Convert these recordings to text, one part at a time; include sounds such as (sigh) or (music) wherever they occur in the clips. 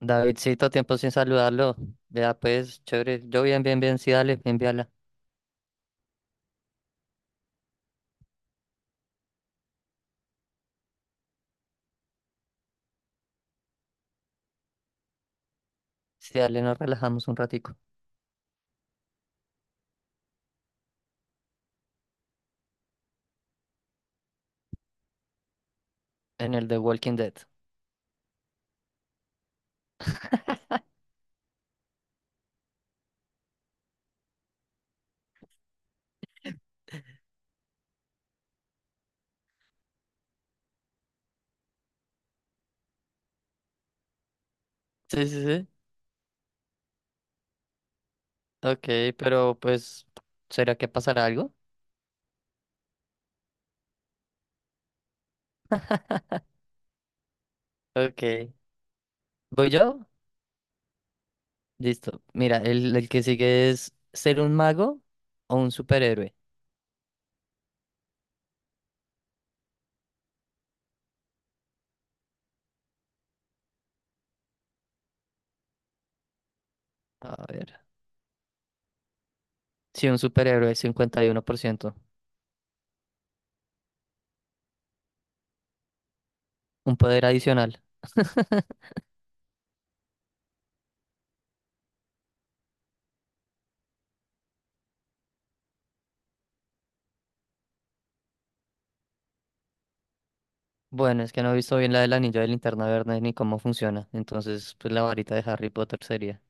Davidcito, tiempo sin saludarlo. Vea, pues, chévere. Yo bien, bien, bien, sí, dale, envíala. Sí, dale, nos relajamos un ratico en el de Walking Dead. Sí, sí, sí. Ok, pero pues, ¿será que pasará algo? Ok. ¿Voy yo? Listo. Mira, el que sigue es ser un mago o un superhéroe. A ver. Sí, un superhéroe, 51%. Un poder adicional. (laughs) Bueno, es que no he visto bien la del anillo de linterna verde ni cómo funciona. Entonces, pues la varita de Harry Potter sería,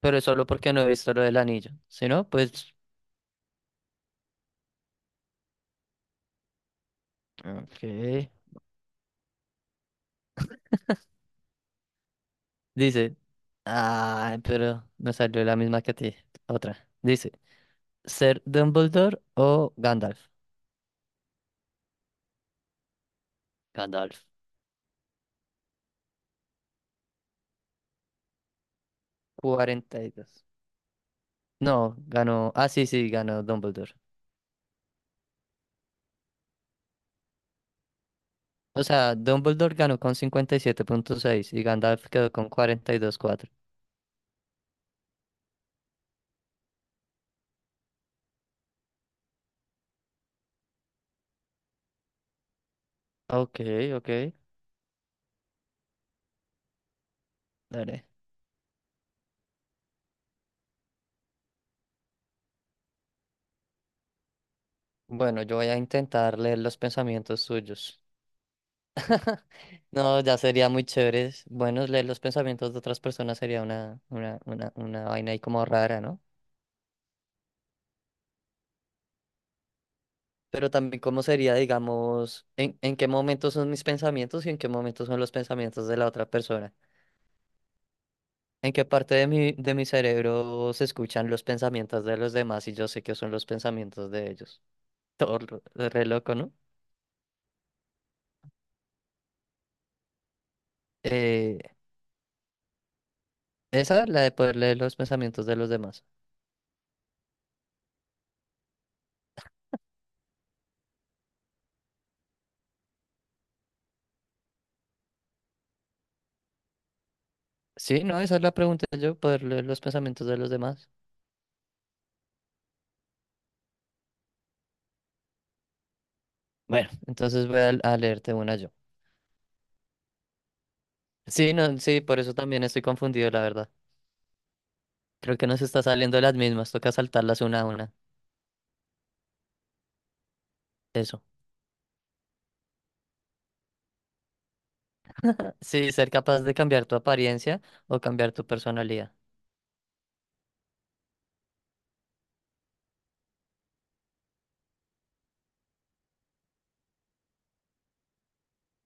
pero solo porque no he visto lo del anillo. Si no, pues. Ok. Dice. Ah, pero me salió la misma que a ti. Otra. Dice, ¿ser Dumbledore o Gandalf? Gandalf. 42. No, ganó. Ah, sí, sí, ganó Dumbledore. O sea, Dumbledore ganó con 57.6 y Gandalf quedó con 42.4. Ok, ok. Dale. Bueno, yo voy a intentar leer los pensamientos suyos. (laughs) No, ya sería muy chévere. Bueno, leer los pensamientos de otras personas sería una vaina ahí como rara, ¿no? Pero también cómo sería, digamos, en qué momento son mis pensamientos y en qué momento son los pensamientos de la otra persona. En qué parte de mi cerebro se escuchan los pensamientos de los demás y yo sé que son los pensamientos de ellos. (laughs) Todo lo- Re loco, ¿no? Eh, Esa, la de poder leer los pensamientos de los demás. Sí, no, esa es la pregunta yo, poder leer los pensamientos de los demás. Bueno, entonces voy a leerte una yo. Sí, no, sí, por eso también estoy confundido, la verdad. Creo que nos está saliendo las mismas, toca saltarlas una a una. Eso. Sí, ser capaz de cambiar tu apariencia o cambiar tu personalidad.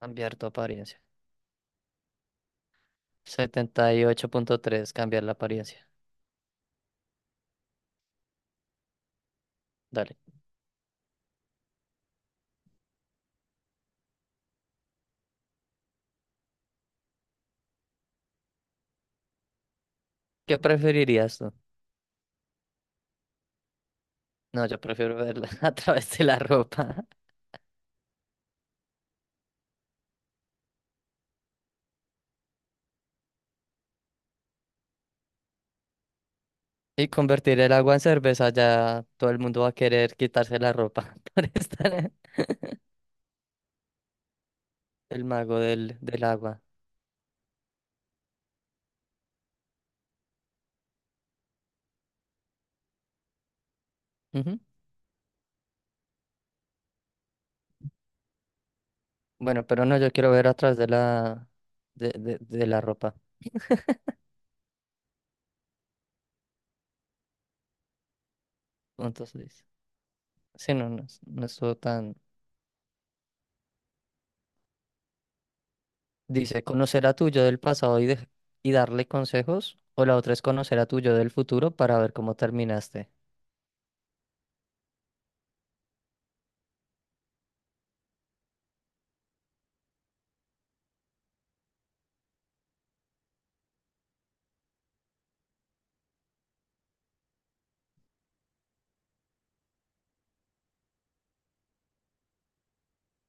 Cambiar tu apariencia. 78.3, cambiar la apariencia. Dale. ¿Qué preferirías tú? No, yo prefiero verla (laughs) a través de la ropa. Y convertir el agua en cerveza, ya todo el mundo va a querer quitarse la ropa (laughs) por estar el mago del agua. Bueno, pero no, yo quiero ver atrás de la ropa. Entonces dice, sí, no, no, no estuvo tan. Dice, conocer a tu yo del pasado y darle consejos, o la otra es conocer a tu yo del futuro para ver cómo terminaste.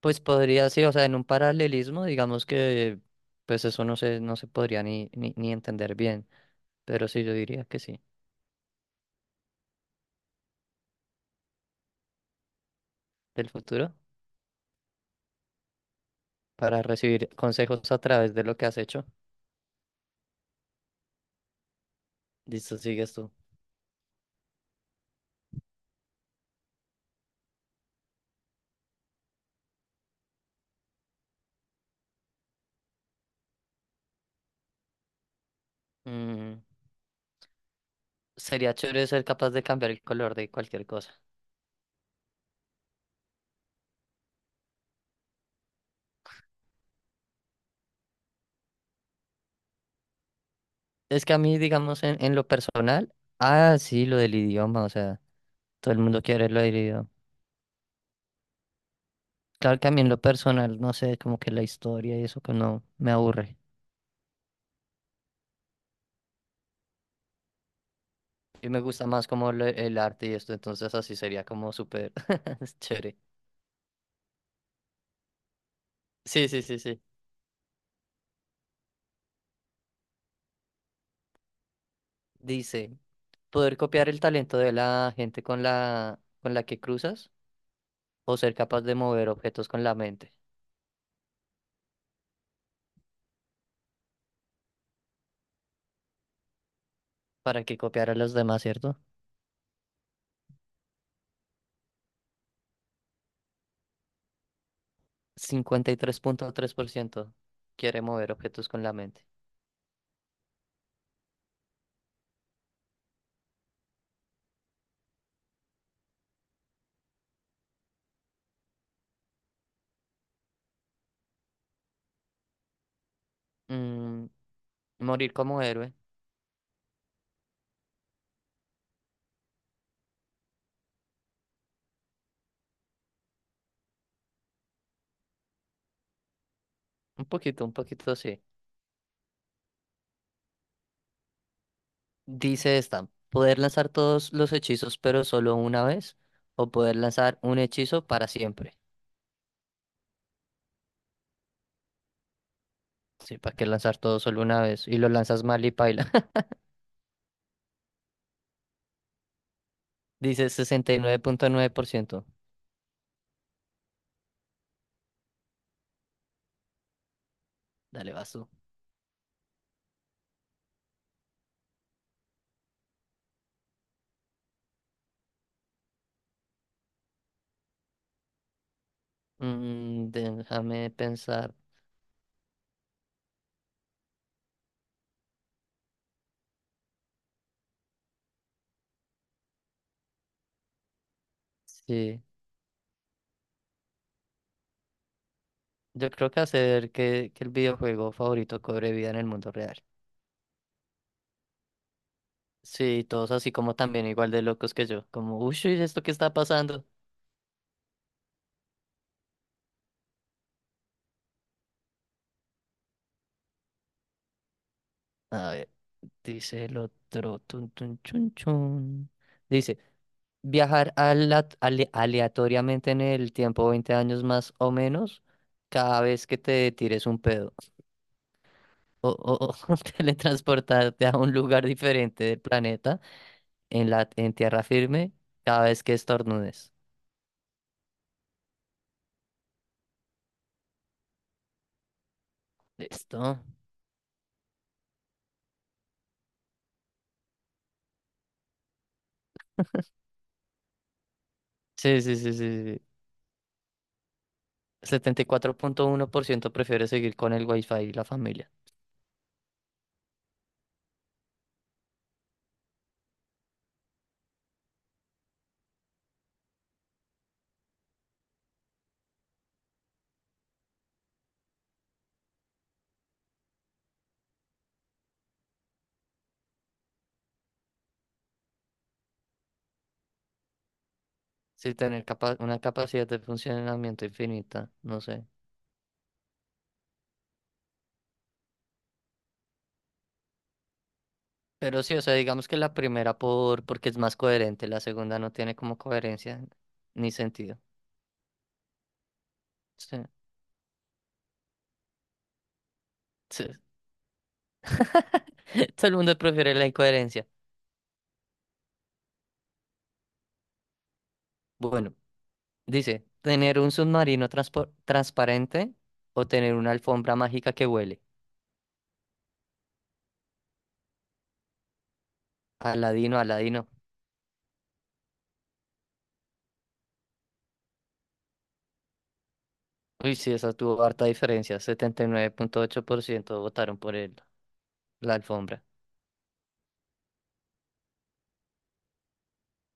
Pues podría, sí, o sea, en un paralelismo, digamos que, pues eso no se podría ni entender bien, pero sí, yo diría que sí, del futuro, para recibir consejos a través de lo que has hecho. Listo, sigues tú. Mm, Sería chévere ser capaz de cambiar el color de cualquier cosa. Es que a mí, digamos, en lo personal, sí, lo del idioma, o sea, todo el mundo quiere lo del idioma. Claro que a mí en lo personal, no sé, como que la historia y eso que no me aburre. Y me gusta más el arte y esto, entonces así sería como súper (laughs) es chévere. Sí, sí, sí, sí. Dice, poder copiar el talento de la gente con la que cruzas o ser capaz de mover objetos con la mente para que copiar a los demás, ¿cierto? Cincuenta y tres tres punto tres por ciento quiere mover objetos con la mente. Mm, morir como héroe. Un poquito sí. Dice esta, poder lanzar todos los hechizos pero solo una vez o poder lanzar un hechizo para siempre. Sí, ¿para qué lanzar todo solo una vez? Y lo lanzas mal y paila. (laughs) Dice 69.9%. Dale, vas tú. Mm, déjame pensar. Sí, yo creo que hacer que el videojuego favorito cobre vida en el mundo real. Sí, todos así como también igual de locos que yo. Como, uy, ¿esto qué está pasando? A ver. Dice el otro. Tun, tun, chun, chun. Dice, viajar aleatoriamente en el tiempo 20 años más o menos cada vez que te tires un pedo. O, o- o (laughs) teletransportarte a un lugar diferente del planeta en tierra firme cada vez que estornudes. ¿Listo? Sí, sí, sí, sí, sí, sí. 74.1% prefiere seguir con el wifi y la familia. Sí, tener una capacidad de funcionamiento infinita, no sé. Pero sí, o sea, digamos que la primera porque es más coherente, la segunda no tiene como coherencia ni sentido. Sí, sí. (laughs) Todo el mundo prefiere la incoherencia. Bueno, dice, ¿tener un submarino transparente o tener una alfombra mágica que huele? Aladino, Aladino. Uy, sí, esa tuvo harta diferencia. 79.8% votaron por el, la alfombra.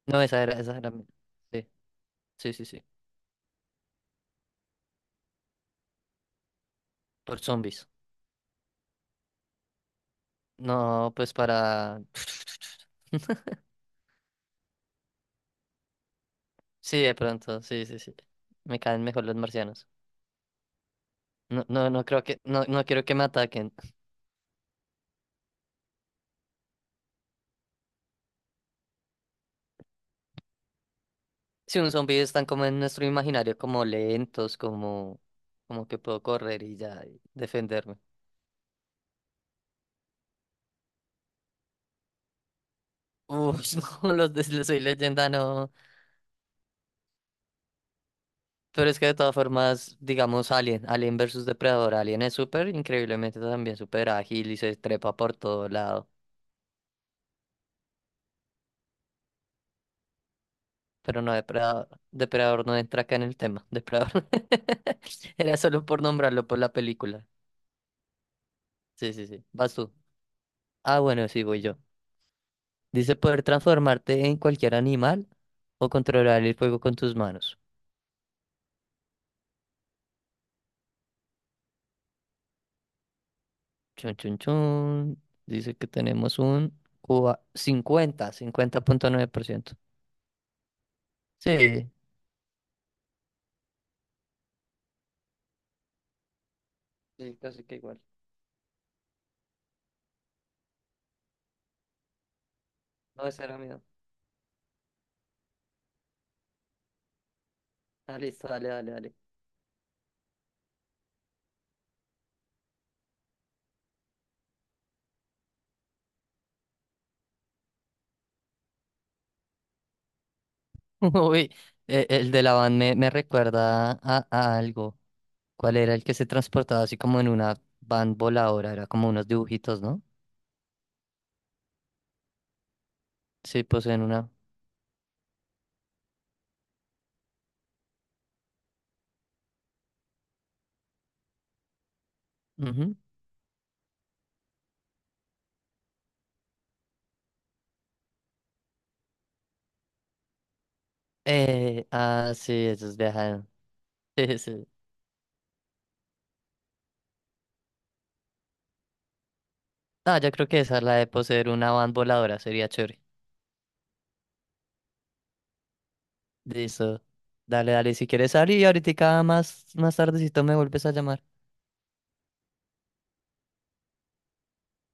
No, esa era. Sí, sí, sí, sí. Por zombies. No, pues para. (laughs) Sí, de pronto, sí, sí, sí. Me caen mejor los marcianos. No, no, no creo que, no, no quiero que me ataquen. Si un zombie están como en nuestro imaginario, como lentos, como que puedo correr y ya y defenderme. Uf, (laughs) no, los de Soy Leyenda no. Pero es que de todas formas, digamos Alien versus Depredador. Alien es súper, increíblemente también súper ágil y se trepa por todo lado. Pero no, Depredador no entra acá en el tema. Depredador. (laughs) Era solo por nombrarlo por la película. Sí, sí, sí. Vas tú. Ah, bueno, sí, voy yo. Dice poder transformarte en cualquier animal o controlar el fuego con tus manos. Chun, chun, chun. Dice que tenemos un cincuenta punto nueve por ciento. Sí. Sí, casi que igual. No, ese era mío. Ah, listo, dale, dale, dale. (laughs) Uy, el de la van me recuerda a algo. ¿Cuál era el que se transportaba así como en una van voladora? Era como unos dibujitos, ¿no? Sí, pues en una. Ujú. Sí, eso es viajar. (laughs) Sí, sí. No, yo creo que esa es la de poseer una van voladora, sería chévere. Listo. Dale, dale, si quieres salir, ahorita más, más tardecito me vuelves a llamar.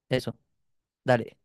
Eso, dale.